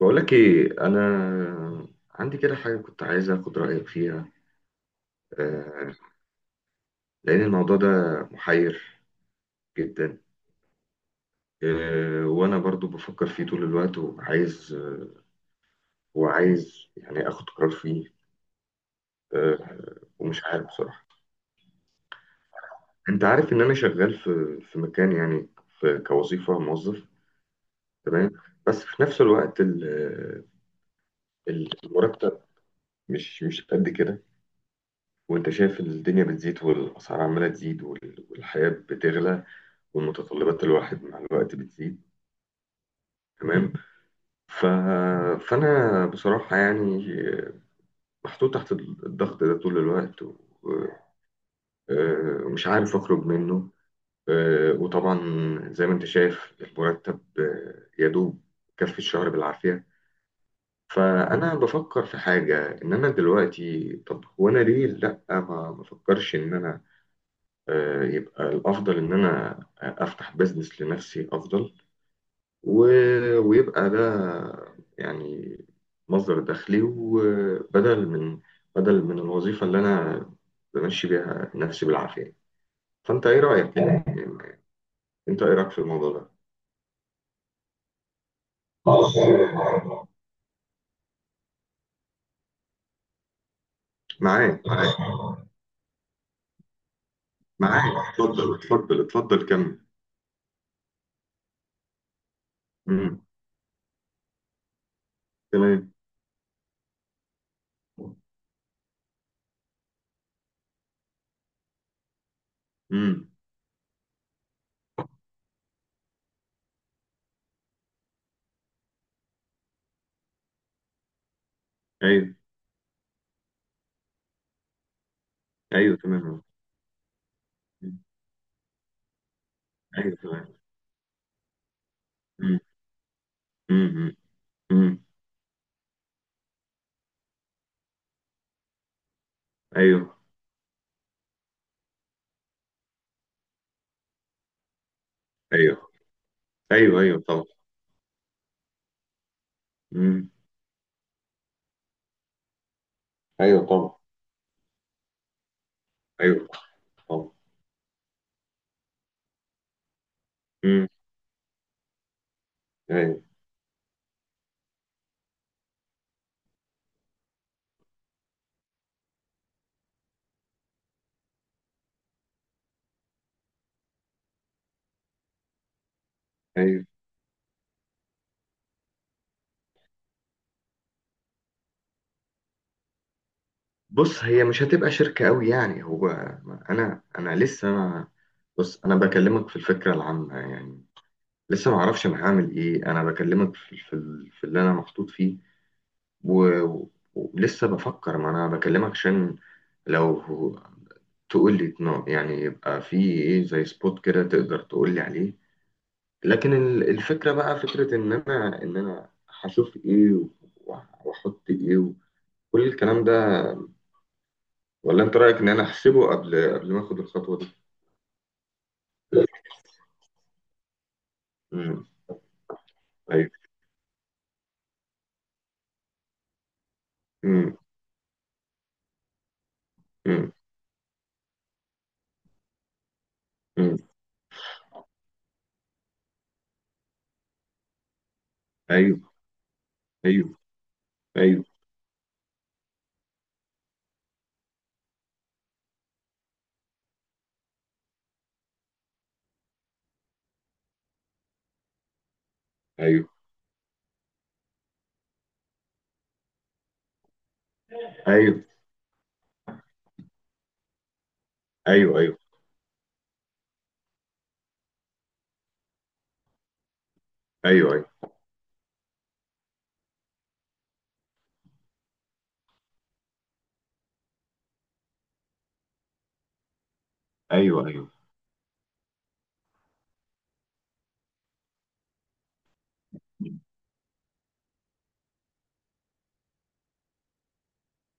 بقول لك ايه، انا عندي كده حاجه كنت عايز اخد رايك فيها. آه، لان الموضوع ده محير جدا. وانا برضو بفكر فيه طول الوقت، وعايز يعني اخد قرار فيه. آه، ومش عارف بصراحه. انت عارف ان انا شغال في مكان يعني، في كوظيفه موظف. تمام. بس في نفس الوقت المرتب مش قد كده. وانت شايف الدنيا بتزيد والاسعار عماله تزيد والحياه بتغلى. ومتطلبات الواحد مع الوقت بتزيد. تمام. ف... فأنا بصراحة يعني محطوط تحت الضغط ده طول الوقت. ومش عارف أخرج منه. وطبعا زي ما أنت شايف المرتب يدوب كفي الشهر بالعافية. فأنا بفكر في حاجة، إن أنا دلوقتي، طب هو أنا ليه لأ ما بفكرش إن أنا يبقى الأفضل إن أنا أفتح بزنس لنفسي أفضل. و... ويبقى ده يعني مصدر دخلي، وبدل من الوظيفة اللي أنا بمشي بيها نفسي بالعافية. فأنت إيه رأيك يعني، أنت إيه رأيك في الموضوع ده؟ معاك، معاك، معاك. اتفضل، اتفضل، اتفضل، كمل. مم. تمام. مم. أيوه، أيوه، تمام. مم. أيوه، تمام. مم. مم. مم. أيوه، أيوه، أيوه، أيوه، طبعا. مم. أيوه، طبعا. أيوه، طبعا. مم. أيوه، أيوه. بص، هي مش هتبقى شركة قوي يعني. هو انا، لسه ما... بص انا بكلمك في الفكرة العامة يعني. لسه ما اعرفش انا هعمل ايه، انا بكلمك في اللي انا محطوط فيه. ولسه بفكر، ما انا بكلمك عشان، لو تقول لي يعني يبقى في ايه، زي سبوت كده تقدر تقول لي عليه. لكن الفكرة بقى فكرة ان انا، هشوف ايه واحط ايه وكل الكلام ده، ولا انت رايك ان انا احسبه قبل ما اخد الخطوه دي؟ امم ايوه. امم، امم، امم، ايوه، ايوه، ايوه، ايوه، ايوه، ايوه، ايوه، ايوه، ايوه، ايوه،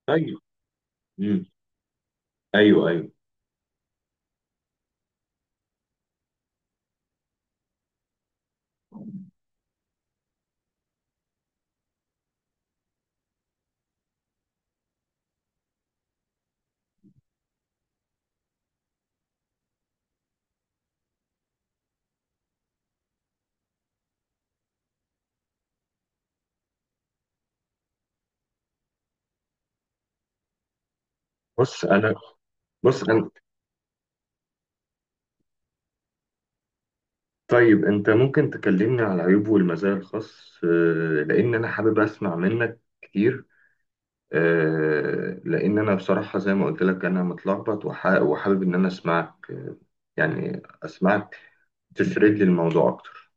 ايوه، امم، ايوه، ايوه. بص انا بص انا. طيب، انت ممكن تكلمني على العيوب والمزايا الخاص. لان انا حابب اسمع منك كتير. لان انا بصراحه زي ما قلت لك انا متلخبط، وحابب ان انا اسمعك، يعني اسمعك تسرد لي الموضوع اكتر.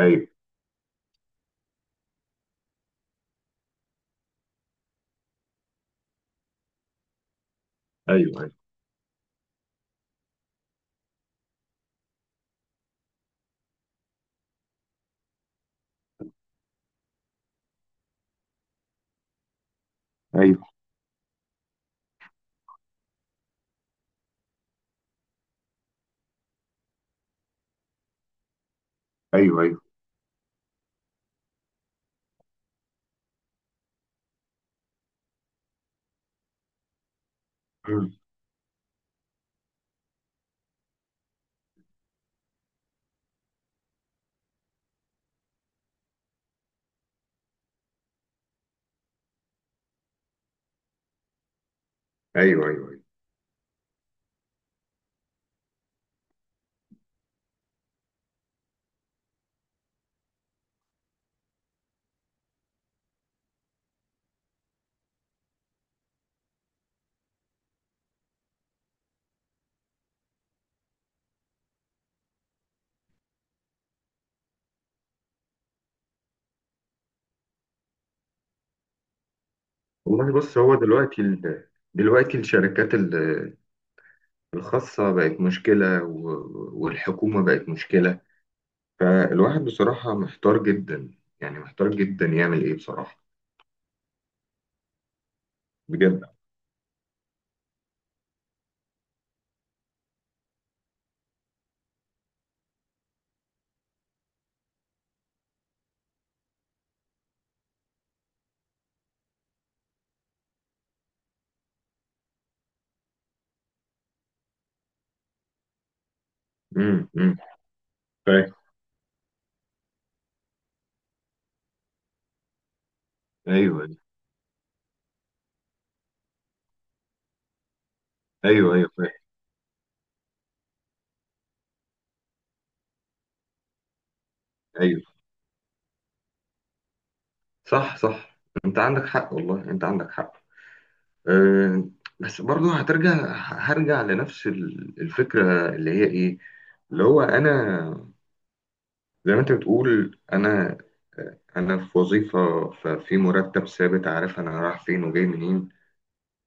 ايوه، ايوه، ايوه، ايوه، ايوه. مم. ايوه، ايوه، ايوه. والله، بص هو دلوقتي دلوقتي الشركات الخاصة بقت مشكلة، والحكومة بقت مشكلة. فالواحد بصراحة محتار جدا، يعني محتار جدا يعمل ايه بصراحة، بجد. امم، امم. فاهم. ايوه، ايوه، ايوه. فاهم. ايوه. صح، صح. انت عندك حق، والله انت عندك حق. أه بس برضه هرجع لنفس الفكرة اللي هي ايه، اللي هو انا، زي ما انت بتقول، انا في وظيفه، ففي مرتب ثابت، عارف انا رايح فين وجاي منين.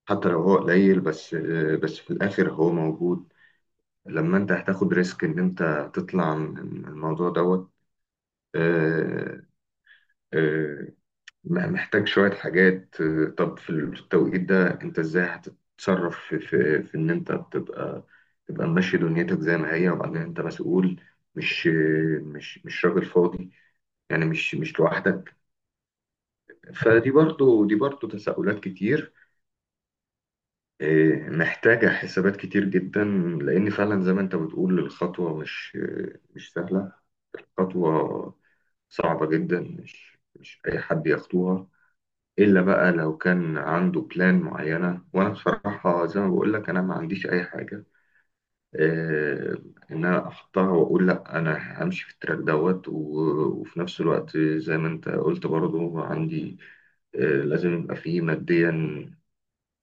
حتى لو هو قليل، بس في الاخر هو موجود. لما انت هتاخد ريسك ان انت تطلع من الموضوع دوت، آه، آه، محتاج شويه حاجات. طب في التوقيت ده انت ازاي هتتصرف في ان انت تبقى ماشي دنيتك زي ما هي، وبعدين انت مسؤول، مش مش راجل فاضي يعني، مش لوحدك. فدي برضو دي برضو تساؤلات كتير. محتاجة حسابات كتير جدا. لأن فعلا زي ما أنت بتقول الخطوة مش سهلة. الخطوة صعبة جدا، مش أي حد يخطوها، إلا بقى لو كان عنده بلان معينة. وأنا بصراحة زي ما بقول لك أنا ما عنديش أي حاجة، إيه، إن أنا أحطها وأقول لأ أنا همشي في التراك دوت. وفي نفس الوقت زي ما أنت قلت برضو عندي، آه، لازم يبقى فيه ماديا.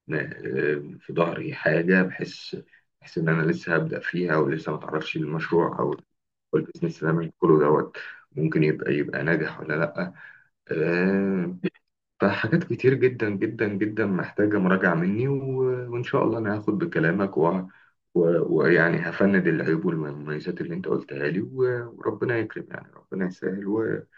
في ظهري حاجة، بحس، إن أنا لسه هبدأ فيها، ولسه ما تعرفش المشروع أو البيزنس اللي أنا بدخله دوت ممكن يبقى ناجح ولا لأ. آه، فحاجات كتير جدا جدا جدا محتاجة مراجعة مني. وإن شاء الله أنا هاخد بكلامك، ويعني هفند العيوب والمميزات اللي أنت قلتها لي، وربنا يكرم يعني، ربنا يسهل وشوف.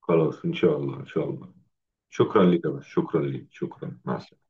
خلاص، إن شاء الله، إن شاء الله. شكرا لك يا باشا، شكرا لك، شكرا. مع السلامة.